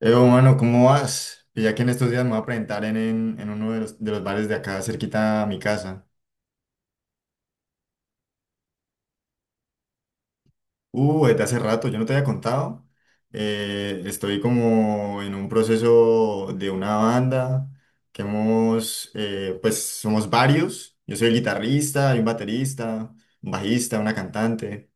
Evo, mano, ¿cómo vas? Pues ya que en estos días me voy a presentar en uno de los bares de acá, cerquita a mi casa. Desde hace rato, yo no te había contado. Estoy como en un proceso de una banda que hemos, pues somos varios. Yo soy el guitarrista, hay un baterista, un bajista, una cantante.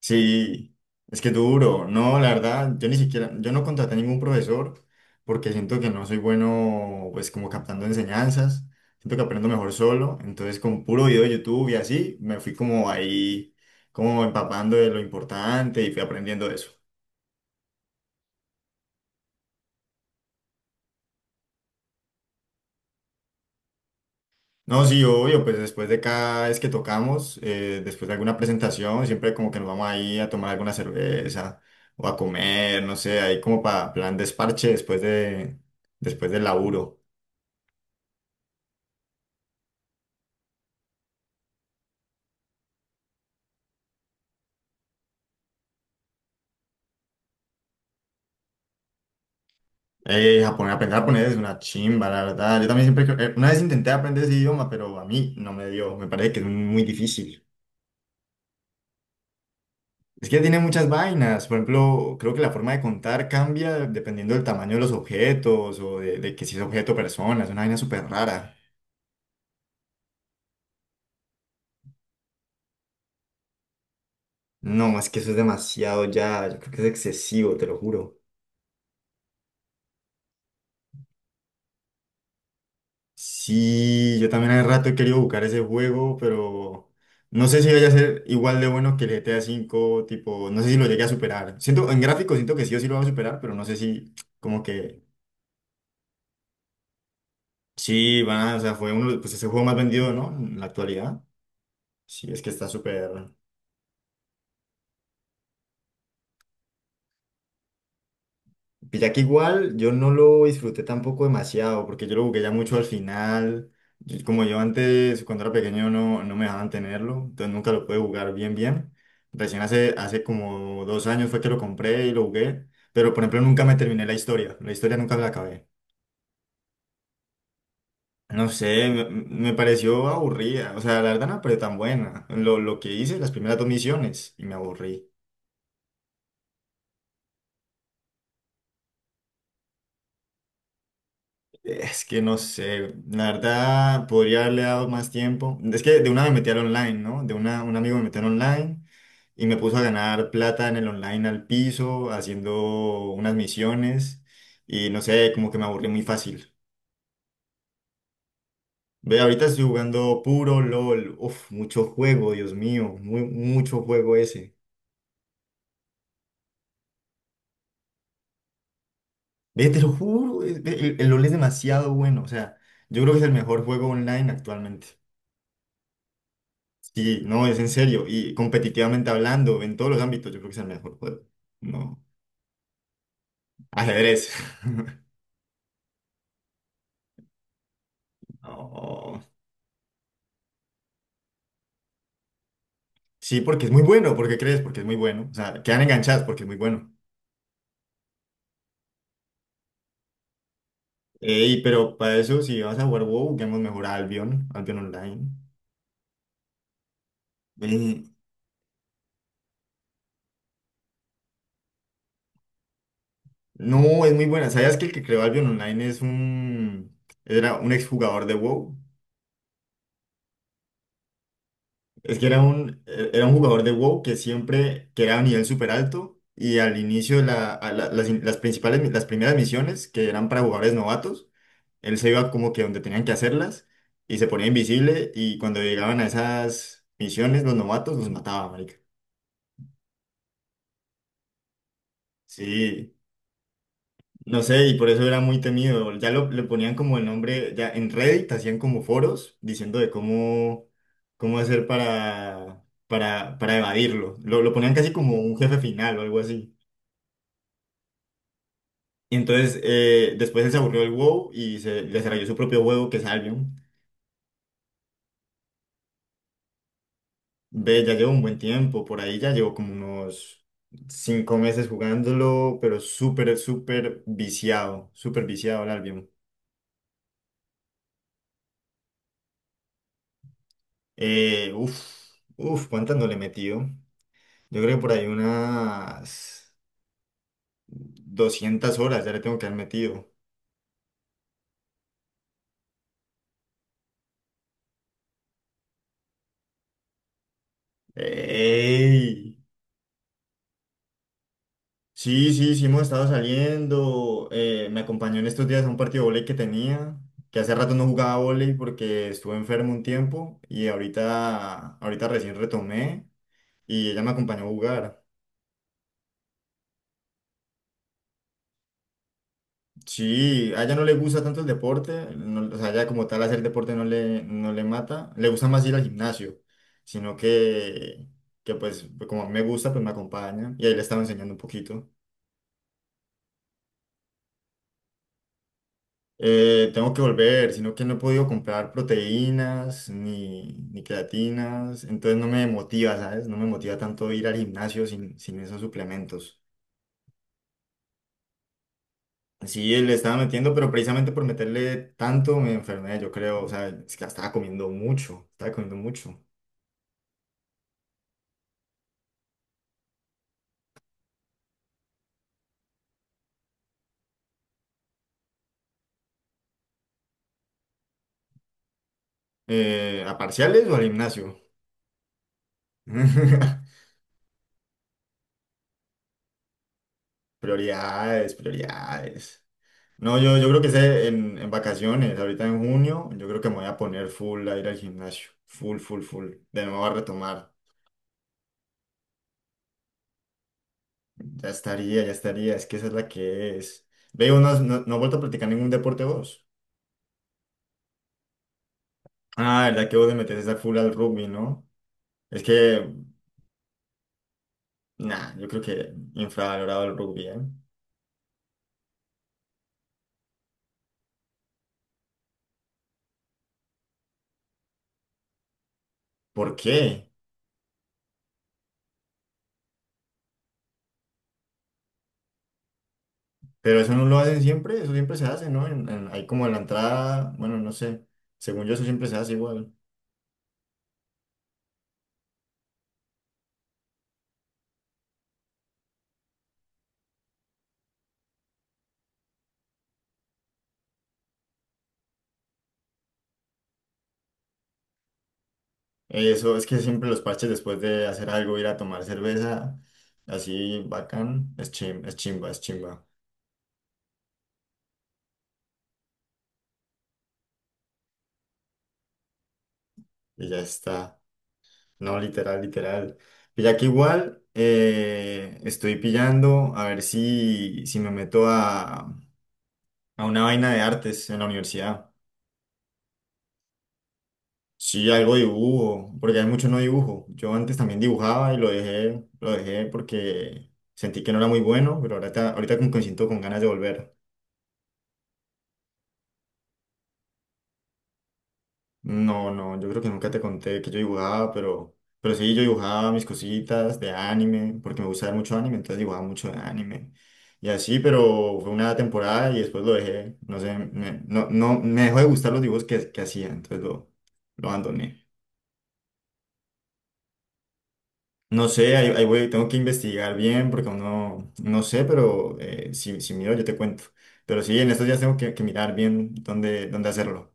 Sí, es que duro. No, la verdad, yo ni siquiera, yo no contraté ningún profesor porque siento que no soy bueno, pues como captando enseñanzas. Siento que aprendo mejor solo. Entonces, con puro video de YouTube y así, me fui como ahí, como empapando de lo importante y fui aprendiendo de eso. No, sí, obvio, pues después de cada vez que tocamos, después de alguna presentación, siempre como que nos vamos ahí a tomar alguna cerveza o a comer, no sé, ahí como para plan desparche después del laburo. Japonés, aprender japonés es una chimba, la verdad. Yo también una vez intenté aprender ese idioma, pero a mí no me dio. Me parece que es muy difícil. Es que tiene muchas vainas. Por ejemplo, creo que la forma de contar cambia dependiendo del tamaño de los objetos o de que si es objeto o persona. Es una vaina súper rara. No, es que eso es demasiado ya. Yo creo que es excesivo, te lo juro. Sí, yo también hace rato he querido buscar ese juego, pero no sé si vaya a ser igual de bueno que el GTA 5 tipo, no sé si lo llegue a superar. En gráfico siento que sí o sí lo va a superar, pero no sé si, como que, sí, van a, o sea, fue uno, pues ese juego más vendido, ¿no? En la actualidad. Sí, es que está súper. Pilla que igual yo no lo disfruté tampoco demasiado, porque yo lo jugué ya mucho al final. Y como yo antes, cuando era pequeño, no me dejaban tenerlo, entonces nunca lo pude jugar bien, bien. Recién hace como 2 años fue que lo compré y lo jugué, pero por ejemplo nunca me terminé la historia nunca me la acabé. No sé, me pareció aburrida, o sea, la verdad no pero tan buena. Lo que hice, las primeras dos misiones, y me aburrí. Es que no sé, la verdad podría haberle dado más tiempo. Es que de una me metí al online, ¿no? De una, un amigo me metió al online y me puso a ganar plata en el online al piso, haciendo unas misiones y no sé, como que me aburrí muy fácil. Ve, ahorita estoy jugando puro LOL. Uf, mucho juego, Dios mío, muy, mucho juego ese. Ve, te lo juro, ve, el LOL es demasiado bueno, o sea, yo creo que es el mejor juego online actualmente. Sí, no, es en serio. Y competitivamente hablando, en todos los ámbitos, yo creo que es el mejor juego. No. Ajedrez. No. Sí, porque es muy bueno. ¿Por qué crees? Porque es muy bueno. O sea, quedan enganchadas porque es muy bueno. Ey, pero para eso, si vas a jugar WoW, juguemos mejor a Albion, Albion Online. Eh, no, es muy buena. ¿Sabías que el que creó Albion Online era un exjugador de WoW? Es que era un jugador de WoW que siempre, que era a nivel súper alto y al inicio de la, a la- las principales, las primeras misiones que eran para jugadores novatos, él se iba como que donde tenían que hacerlas y se ponía invisible y cuando llegaban a esas misiones los novatos los mataba, marica. Sí, no sé, y por eso era muy temido. Ya le ponían como el nombre, ya en Reddit hacían como foros diciendo de cómo hacer para evadirlo. Lo ponían casi como un jefe final o algo así. Y entonces después él se aburrió el WoW y se desarrolló su propio juego que es Albion. Ve, ya llevo un buen tiempo, por ahí ya llevo como unos 5 meses jugándolo, pero súper, súper viciado al Albion. Uf, uf, ¿cuántas no le he metido? Yo creo que por ahí unas 200 horas ya le tengo que haber metido. ¡Ey! Sí, sí, sí, hemos estado saliendo. Me acompañó en estos días a un partido de vóley que tenía, que hace rato no jugaba vóley porque estuve enfermo un tiempo y ahorita recién retomé y ella me acompañó a jugar. Sí, a ella no le gusta tanto el deporte, o sea, ella como tal hacer deporte no le mata, le gusta más ir al gimnasio, sino que pues, como a mí me gusta, pues me acompaña y ahí le estaba enseñando un poquito. Tengo que volver, sino que no he podido comprar proteínas ni creatinas, entonces no me motiva, ¿sabes? No me motiva tanto ir al gimnasio sin esos suplementos. Sí, le estaba metiendo, pero precisamente por meterle tanto me enfermé, yo creo, o sea, es que estaba comiendo mucho, estaba comiendo mucho. ¿A parciales o al gimnasio? Prioridades, prioridades. No, yo creo que sé en vacaciones, ahorita en junio, yo creo que me voy a poner full a ir al gimnasio. Full, full, full. De nuevo a retomar. Ya estaría, ya estaría. Es que esa es la que es. Veo, no, no has vuelto a practicar ningún deporte vos. Ah, ¿verdad que vos le metes esa full al rugby, no? Es que, nah, yo creo que infravalorado el rugby, ¿eh? ¿Por qué? Pero eso no lo hacen siempre, eso siempre se hace, ¿no? Ahí como en la entrada, bueno, no sé. Según yo, eso siempre se hace igual. Eso es que siempre los parches después de hacer algo, ir a tomar cerveza, así bacán, es chimba, es chimba. Y ya está. No, literal, literal. Y ya que igual estoy pillando a ver si me meto a, una vaina de artes en la universidad. Sí, algo de dibujo, porque hay mucho no dibujo. Yo antes también dibujaba y lo dejé porque sentí que no era muy bueno, pero ahorita como que me siento con ganas de volver. No, no, yo creo que nunca te conté que yo dibujaba, pero sí, yo dibujaba mis cositas de anime, porque me gusta ver mucho anime, entonces dibujaba mucho de anime. Y así, pero fue una temporada y después lo dejé. No sé, me, no, no, me dejó de gustar los dibujos que hacía, entonces lo abandoné. No sé, ahí voy, tengo que investigar bien porque uno no no sé, pero si miro yo te cuento. Pero sí, en estos días tengo que mirar bien dónde hacerlo.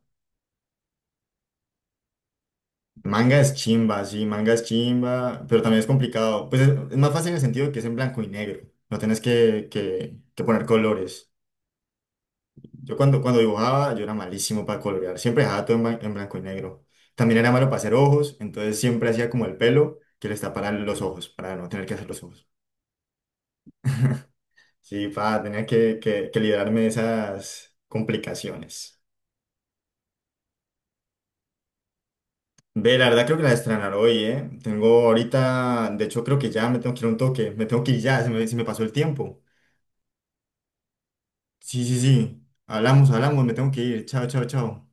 Manga es chimba, sí, manga es chimba, pero también es complicado. Pues es más fácil en el sentido de que es en blanco y negro. No tenés que poner colores. Yo cuando dibujaba, yo era malísimo para colorear. Siempre dejaba todo en blanco y negro. También era malo para hacer ojos, entonces siempre hacía como el pelo que les tapara los ojos, para no tener que hacer los ojos. Sí, tenía que librarme de esas complicaciones. Ve, la verdad creo que la estrenar hoy, ¿eh? Tengo ahorita, de hecho creo que ya me tengo que ir a un toque, me tengo que ir ya, se me pasó el tiempo. Sí, sí, sí, hablamos, hablamos, me tengo que ir, chao, chao, chao.